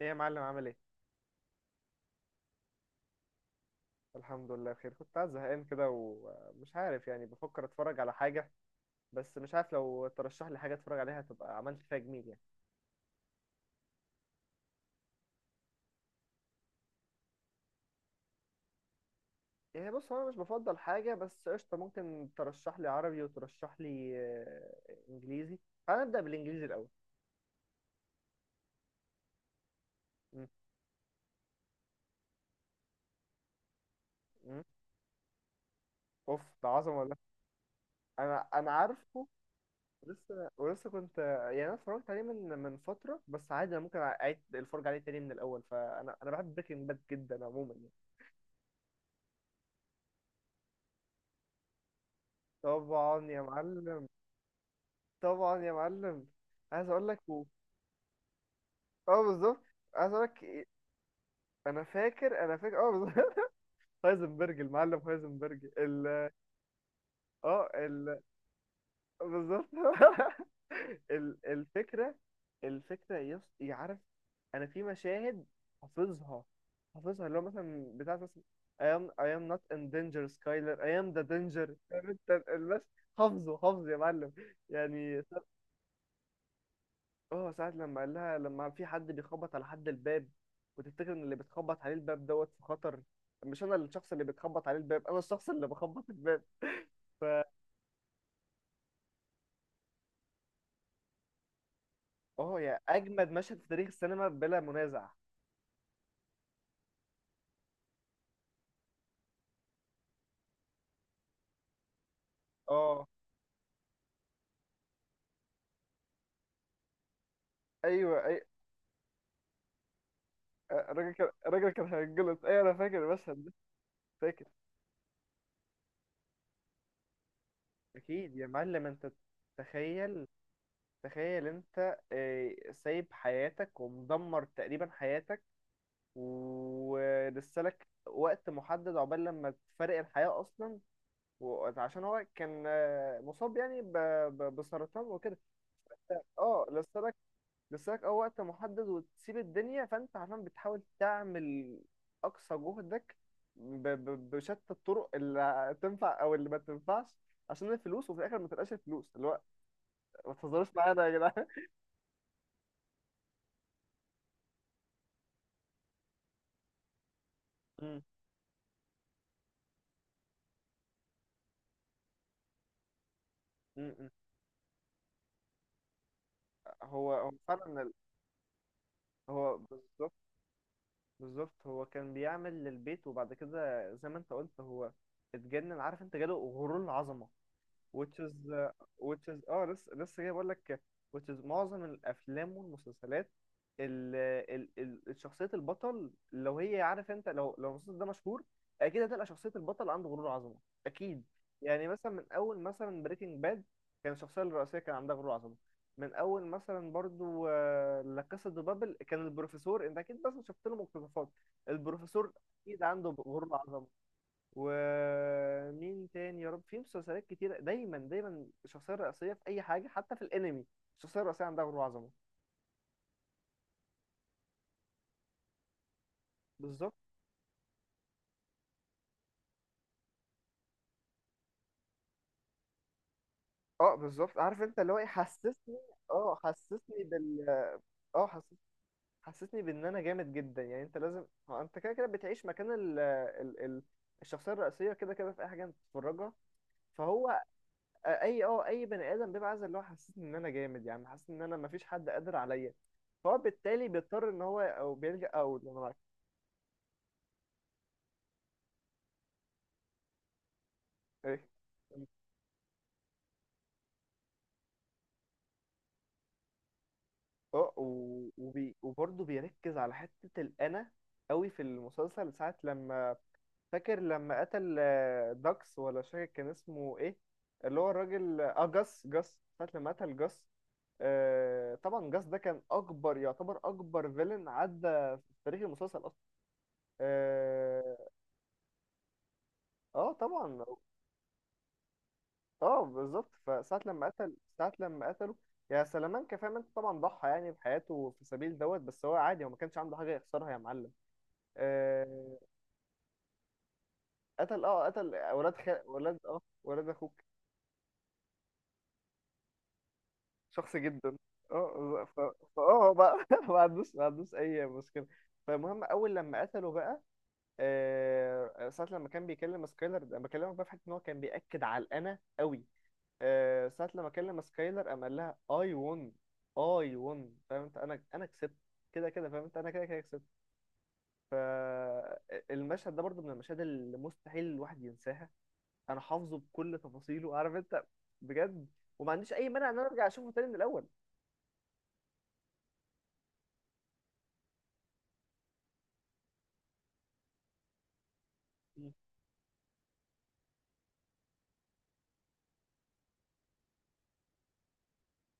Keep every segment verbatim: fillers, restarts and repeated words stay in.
ايه يا معلم، عامل ايه؟ الحمد لله بخير. كنت قاعد زهقان كده ومش عارف، يعني بفكر اتفرج على حاجه. بس مش عارف، لو ترشح لي حاجه اتفرج عليها تبقى عملت فيها جميل يعني. ايه، بص هو انا مش بفضل حاجه، بس قشطه ممكن ترشح لي عربي وترشح لي آه، انجليزي. تعال نبدا بالانجليزي الاول. م- م. اوف، ده عظمه والله. انا انا عارفه. لسه ولسه كنت. يعني انا اتفرجت عليه من من فتره، بس عادي انا ممكن اعيد الفرجه عليه تاني من الاول، فانا انا بحب بريكنج باد جدا عموما يعني. طبعا يا معلم. طبعا يا معلم، عايز اقول لك و... اه بالظبط. عايز اقول لك، انا فاكر انا فاكر، اه بالظبط. هايزنبرج، المعلم هايزنبرج، ال اه ال بالظبط. ال... الفكره، الفكره يس... يعرف. انا في مشاهد حافظها حافظها، اللي هو مثلا بتاع مثلا I am I am not in danger Skyler, I am the danger. فاهم انت المس حافظه حافظه يا معلم، يعني. اه، ساعة لما قال لها لما في حد بيخبط على حد الباب، وتفتكر ان اللي بتخبط عليه الباب دوت في خطر. مش انا الشخص اللي بتخبط عليه الباب، انا الشخص اللي بخبط الباب. ف اه، يا اجمد مشهد في تاريخ السينما بلا منازع. اه، ايوه، اي، آه، الراجل كان الراجل كان هيتجلط. ايوه، انا فاكر المشهد ده، فاكر. اكيد يا معلم، انت تخيل تخيل. انت آه، سايب حياتك ومدمر تقريبا حياتك، ولسه لك وقت محدد عقبال لما تفارق الحياة اصلا. وعشان هو كان آه، مصاب يعني ب... ب... بسرطان وكده. اه، لسه لك اه وقت محدد وتسيب الدنيا، فانت عشان بتحاول تعمل اقصى جهدك ب... ب... بشتى الطرق اللي تنفع او اللي ما تنفعش، عشان الفلوس، وفي الاخر ما تلقاش الفلوس اللي هو ما تهزروش معانا يا جدعان. مم. مم. مم. هو هو فعلا ال- هو بالظبط. بالظبط، هو كان بيعمل للبيت، وبعد كده زي ما انت قلت هو اتجنن. عارف انت، جاله غرور العظمه، which is uh, which is اه، لسه لسه جاي بقول لك. Which is معظم الافلام والمسلسلات، ال ال ال شخصية البطل، لو هي عارف انت، لو لو المسلسل ده مشهور اكيد هتلقى شخصية البطل عنده غرور عظمة، اكيد. يعني مثلا من اول مثلا بريكنج باد كان الشخصية الرئيسية كان عندها غرور عظمة. من اول مثلا برضو لا كاسا دو بابل، كان البروفيسور، انت اكيد بس شفت له مقتطفات، البروفيسور اكيد عنده غرور عظمة. ومين تاني يا رب، في مسلسلات كتيرة دايما دايما الشخصية الرئيسية في أي حاجة، حتى في الأنمي الشخصية الرئيسية عندها غرور وعظمة. بالظبط. اه بالظبط، عارف انت اللي هو ايه، حسسني اه حسسني بال اه حسسني حسسني بان انا جامد جدا، يعني انت لازم. هو انت كده كده بتعيش مكان ال... ال... ال... الشخصية الرئيسية كده كده في اي حاجة انت بتتفرجها. فهو آه، اي اه اي بني ادم بيبقى عايز اللي هو حسسني ان انا جامد، يعني حاسس ان انا مفيش حد قادر عليا، فهو بالتالي بيضطر ان هو او بيلجأ او ايه. اه و- وبي وبرضه بيركز على حتة الأنا قوي في المسلسل ساعة لما، فاكر لما قتل آه، داكس، ولا مش فاكر كان اسمه ايه، اللي هو الراجل اه آه، جاس جاس ساعة لما قتل جاس. آه طبعا، جاس ده كان أكبر، يعتبر أكبر فيلن عدى في تاريخ المسلسل أصلا. اه. آه، طبعا. اه بالظبط، فساعة لما قتل ساعة لما قتله يا سلامانكا، فاهم انت، طبعا ضحى يعني بحياته في سبيل دوت، بس هو عادي، هو ما كانش عنده حاجة يخسرها يا معلم. آه، قتل اه قتل اولاد خال اولاد اه ولاد اخوك. شخص جدا. اه ف... فاه هو بقى، ما عندوش ما عندوش اي مشكلة. فالمهم، اول لما قتله بقى، آه، ساعة لما كان بيكلم سكايلر، انا بكلمك بقى في حتة ان هو كان بيأكد على الانا قوي. آه، ساعة لما كلم سكايلر قام قال لها اي ون. اي ون، فاهم انت، انا انا كسبت. كده كده، فاهم انت، انا كده كده كسبت. فالمشهد ده برضو من المشاهد اللي مستحيل الواحد ينساها. انا حافظه بكل تفاصيله، عارف انت، بجد. وما عنديش اي مانع ان انا ارجع اشوفه تاني من الاول. مم.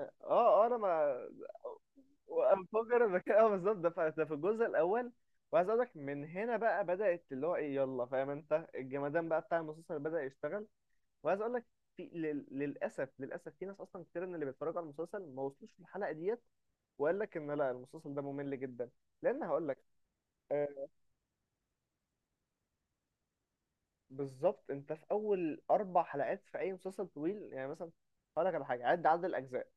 اه، اه، انا ما وانفجر المكان. اه بالظبط، ده ف- ده في الجزء الاول. وعايز اقول لك، من هنا بقى بدأت اللي هو ايه، يلا فاهم انت، الجمدان بقى بتاع المسلسل بدأ يشتغل. وعايز اقول لك، في لل- للاسف للاسف في ناس اصلا كتير من اللي بيتفرجوا على المسلسل ما وصلوش للحلقه ديت، وقال لك ان لا المسلسل ده ممل جدا، لان هقول لك. آه. بالظبط، انت في اول اربع حلقات في اي مسلسل طويل، يعني مثلا هقول لك على حاجه، عد عدد الاجزاء.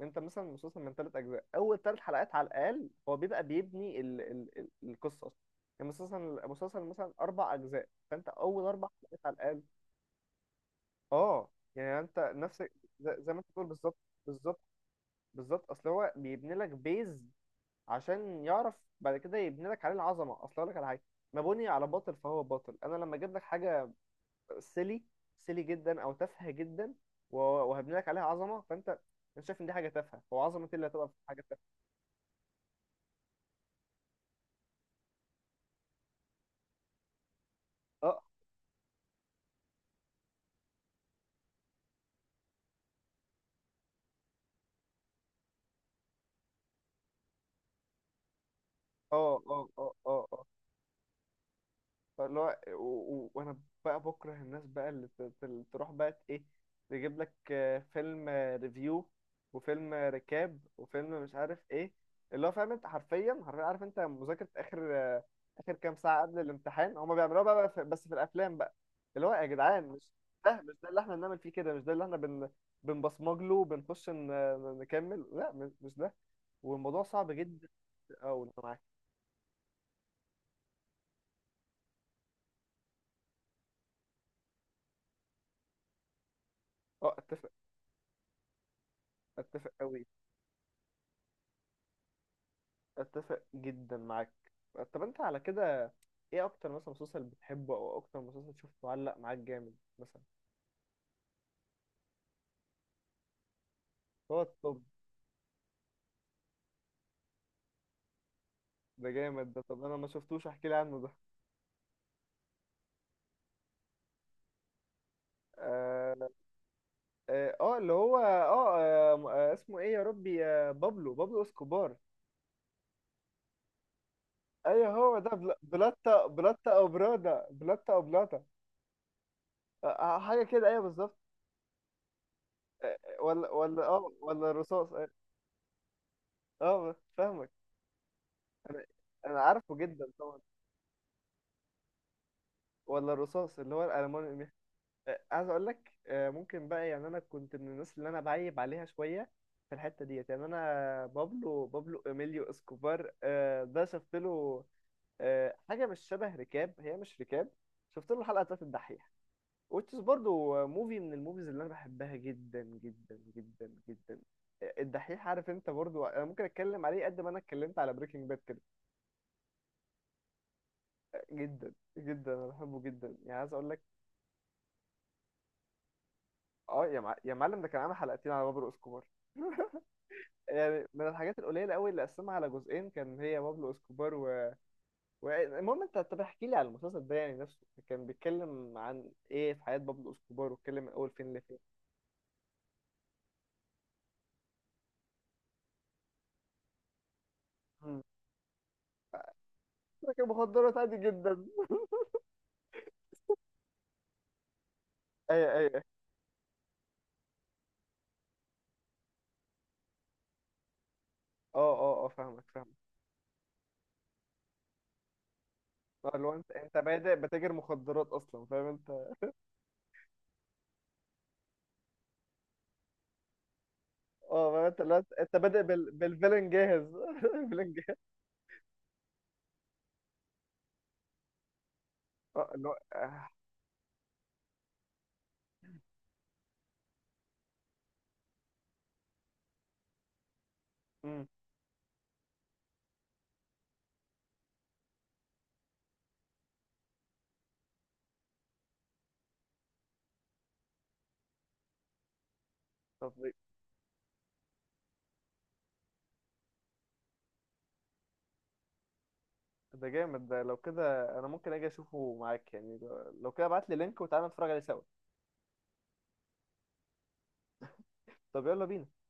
انت مثلا مسلسل من ثلاث اجزاء، اول ثلاث حلقات على الاقل هو بيبقى بيبني ال ال ال القصه اصلا. يعني مسلسل مسلسل مثلا اربع اجزاء، فانت اول اربع حلقات على الاقل. اه، يعني انت نفس. زي زي ما انت بتقول، بالظبط. بالظبط. بالظبط، اصل هو بيبني لك بيز عشان يعرف بعد كده يبني لك عليه العظمه. اصل اقول لك على حاجه، ما بني على باطل فهو باطل. انا لما اجيب لك حاجه سيلي، سيلي جدا او تافهه جدا، و- وهبني لك عليها عظمه، فانت انا شايف ان دي حاجه تافهه، هو عظمه إيه اللي هتبقى في حاجه تافهه؟ اه، اه، اه، اه، اه، أه. فاللي هو و- و- وانا بقى بكره الناس بقى اللي ت- ت- تروح بقى، ت- ايه، تجيب لك آه، فيلم ريفيو وفيلم ركاب وفيلم مش عارف ايه، اللي هو فاهم انت، حرفيا حرفيا، عارف انت، مذاكرة اخر آه، اخر كام ساعة قبل الامتحان، هما بيعملوها بقى، بقى في- بس في الافلام بقى، اللي هو يا جدعان، مش، ده مش، ده اللي احنا بنعمل فيه كده، مش ده اللي احنا بن بنبصمج له وبنخش ن- ن- نكمل، لا، مش مش ده. والموضوع صعب جدا. اه والله معاك. اه، اتفق، اتفق قوي، اتفق جدا معاك. طب انت على كده، ايه اكتر مثلا مسلسل بتحبه او اكتر مسلسل شفته علق معاك جامد مثلا؟ هو الطب؟ ده جامد، ده طب انا ما شفتوش، احكي لي عنه ده. اه، اه، آه، اللي هو اه آه، م- آه، اسمه ايه يا ربي، آه، بابلو بابلو اسكوبار. ايوه هو ده، بل- بلاتا بلاتا او برادا، بلاتا او بلاتا. آه، آه، حاجه كده، ايوه بالظبط. آه، آه، ولا ولا اه ولا الرصاص، اه. آه، فاهمك. انا انا عارفه جدا طبعا. ولا الرصاص، اللي هو الالماني. آه، عايز اقول لك، آه، ممكن بقى، يعني انا كنت من الناس اللي انا بعيب عليها شويه في الحته ديت، يعني انا بابلو بابلو اميليو اسكوبار، آه، ده شفت له آه، حاجه مش شبه ركاب، هي مش ركاب. شفت له حلقه بتاعت الدحيح وتشز، برضو موفي من الموفيز اللي انا بحبها جدا جدا جدا جدا. آه، الدحيح، عارف انت، برضو انا ممكن اتكلم عليه قد ما انا اتكلمت على بريكنج باد كده. آه، جدا جدا انا بحبه جدا يعني، عايز اقول لك. اه، يا مع... يا معلم، ده كان عامل حلقتين على بابلو اسكوبار. يعني من الحاجات القليله قوي اللي قسمها على جزئين كان هي بابلو اسكوبار و... و... المهم، انت طب احكي لي على المسلسل ده، يعني نفسه كان بيتكلم عن ايه في حياه بابلو اسكوبار، واتكلم من اول فين لفين؟ مم. لكن مخدرات عادي جدا. ايوه، ايوه. اه، اه، اه، فاهمك فاهمك. اه، لو انت انت بادئ بتاجر مخدرات اصلا، فاهم انت. اه، فاهم انت، لو انت انت بادئ بال... بالفيلن جاهز. الفيلن جاهز. اه، اللي هو، آه. مم. طب ده ده جامد، ده لو كده انا ممكن اجي اشوفه معاك، يعني لو لو كده ابعت لي لينك وتعالى نتفرج عليه سوا. طب يلا بينا.